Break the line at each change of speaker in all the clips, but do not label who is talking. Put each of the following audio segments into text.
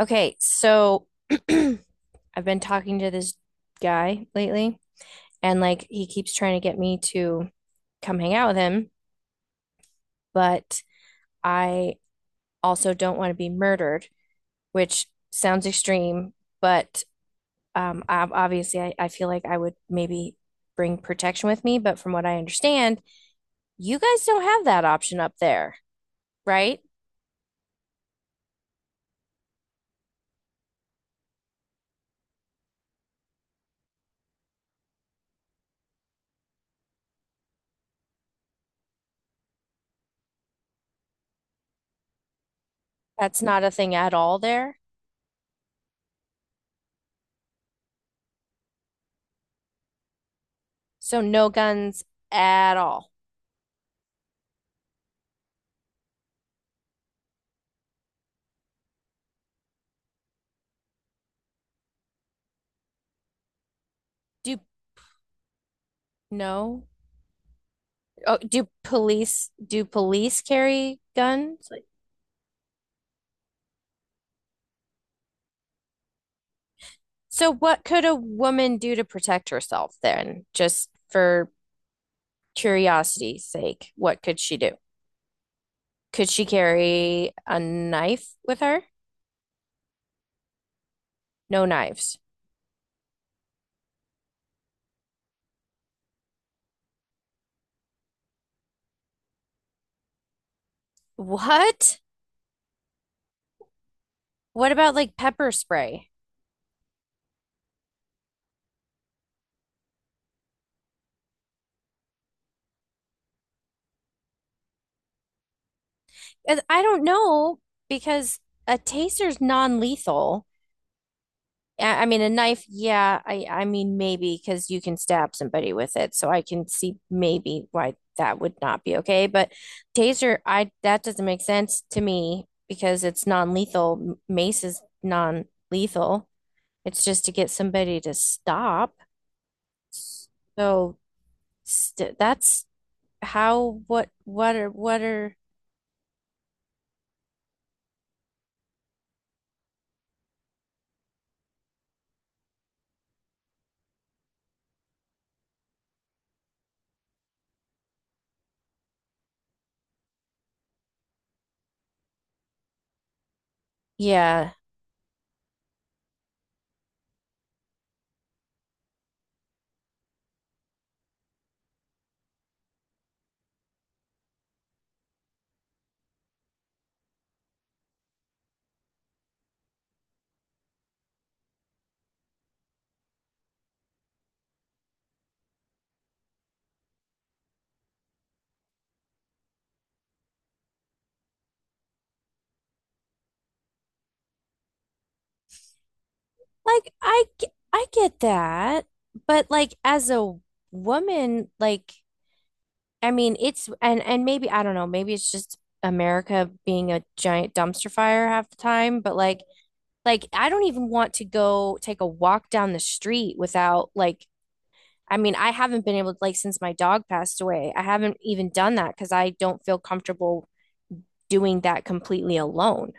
Okay, so I've been talking to this guy lately, and like he keeps trying to get me to come hang out with him, but I also don't want to be murdered, which sounds extreme, but obviously I feel like I would maybe bring protection with me. But from what I understand, you guys don't have that option up there, right? That's not a thing at all there. So no guns at all. Do no? Oh, do police carry guns? Like, so what could a woman do to protect herself then? Just for curiosity's sake, what could she do? Could she carry a knife with her? No knives. What? What about like pepper spray? And I don't know because a taser's non-lethal. I mean, a knife, yeah, I mean maybe because you can stab somebody with it, so I can see maybe why that would not be okay. But taser, I that doesn't make sense to me because it's non-lethal. Mace is non-lethal. It's just to get somebody to stop. So st that's how what are yeah. Like I g- I get that, but like as a woman, like I mean, it's and maybe I don't know, maybe it's just America being a giant dumpster fire half the time, but like I don't even want to go take a walk down the street without like I mean, I haven't been able to like since my dog passed away. I haven't even done that because I don't feel comfortable doing that completely alone.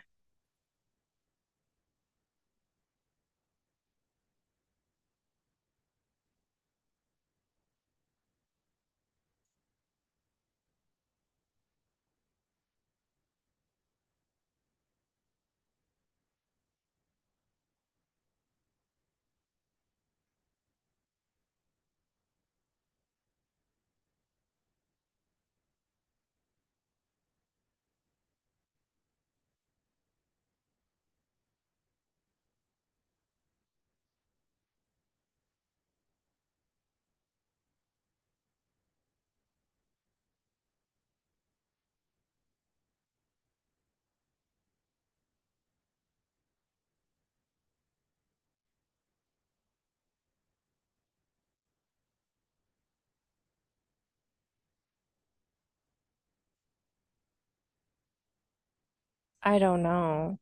I don't know.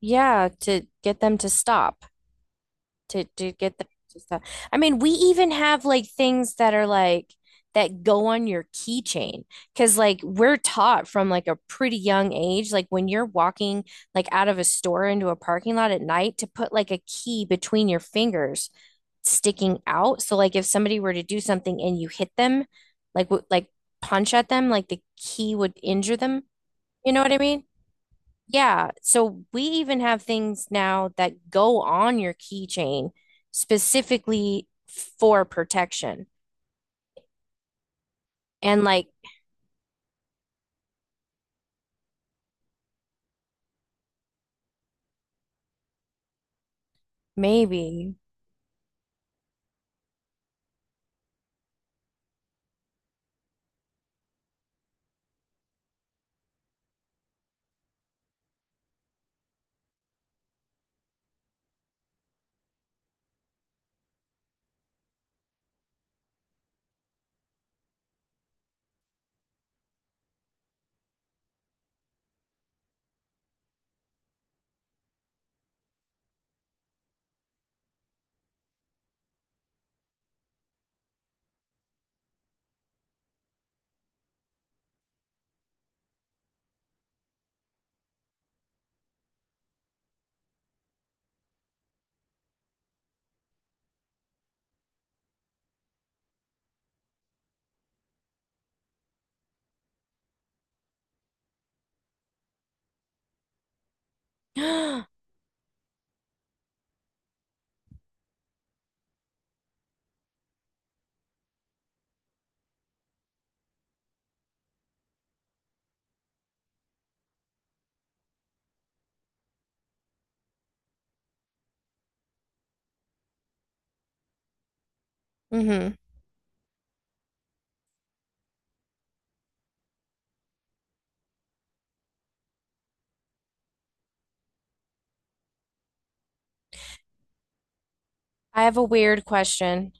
Yeah, to get them to stop, to get them to stop. I mean, we even have like things that are like that go on your keychain because like we're taught from like a pretty young age, like when you're walking like out of a store into a parking lot at night to put like a key between your fingers sticking out. So like if somebody were to do something and you hit them, like punch at them, like the key would injure them. You know what I mean? Yeah, so we even have things now that go on your keychain specifically for protection. And like maybe, hmm, I have a weird question.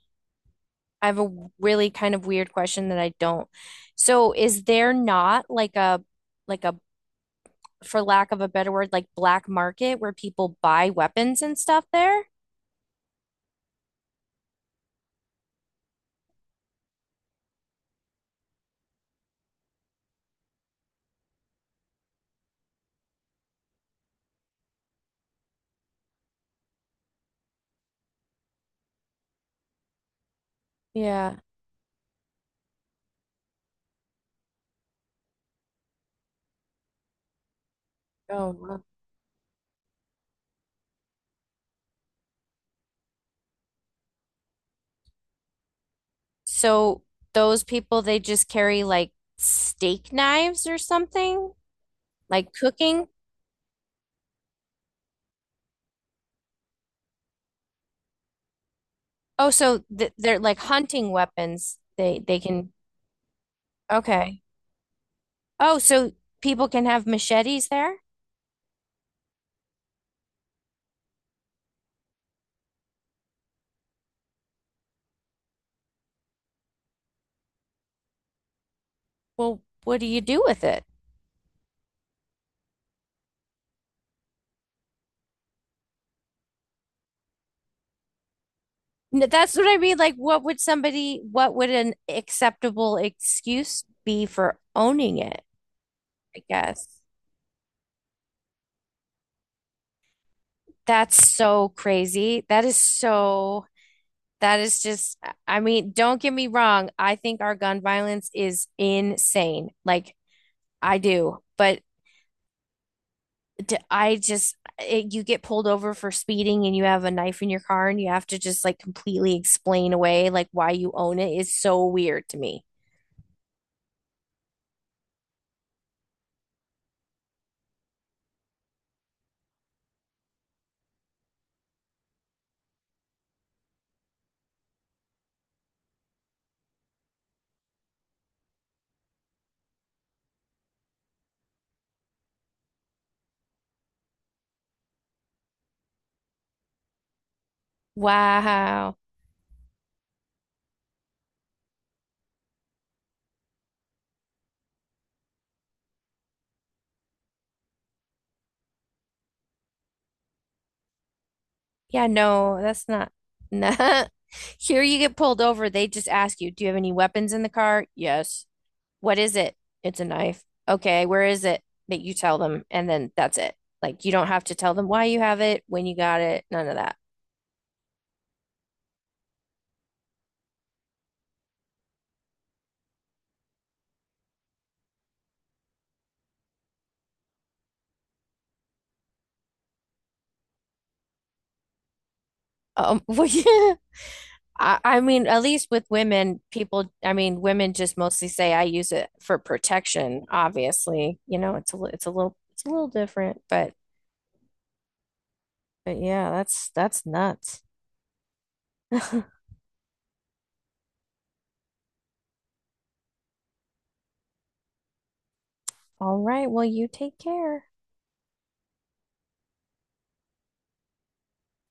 I have a really kind of weird question that I don't. So is there not like a, for lack of a better word, like black market where people buy weapons and stuff there? Yeah. Oh, wow. So those people, they just carry like steak knives or something, like cooking. Oh, so th they're like hunting weapons. They can. Okay. Oh, so people can have machetes there? Well, what do you do with it? That's what I mean. Like, what would somebody? What would an acceptable excuse be for owning it? I guess. That's so crazy. That is so, that is just, I mean, don't get me wrong. I think our gun violence is insane. Like, I do. But d- I just it, you get pulled over for speeding and you have a knife in your car and you have to just like completely explain away like why you own it is so weird to me. Wow. Yeah, no, that's not. Nah. Here you get pulled over. They just ask you, do you have any weapons in the car? Yes. What is it? It's a knife. Okay, where is it? That you tell them, and then that's it. Like you don't have to tell them why you have it, when you got it, none of that. Well, yeah. I mean, at least with women, people, I mean, women just mostly say I use it for protection, obviously. You know, it's a, it's a little different, but yeah, that's nuts. All right, well, you take care.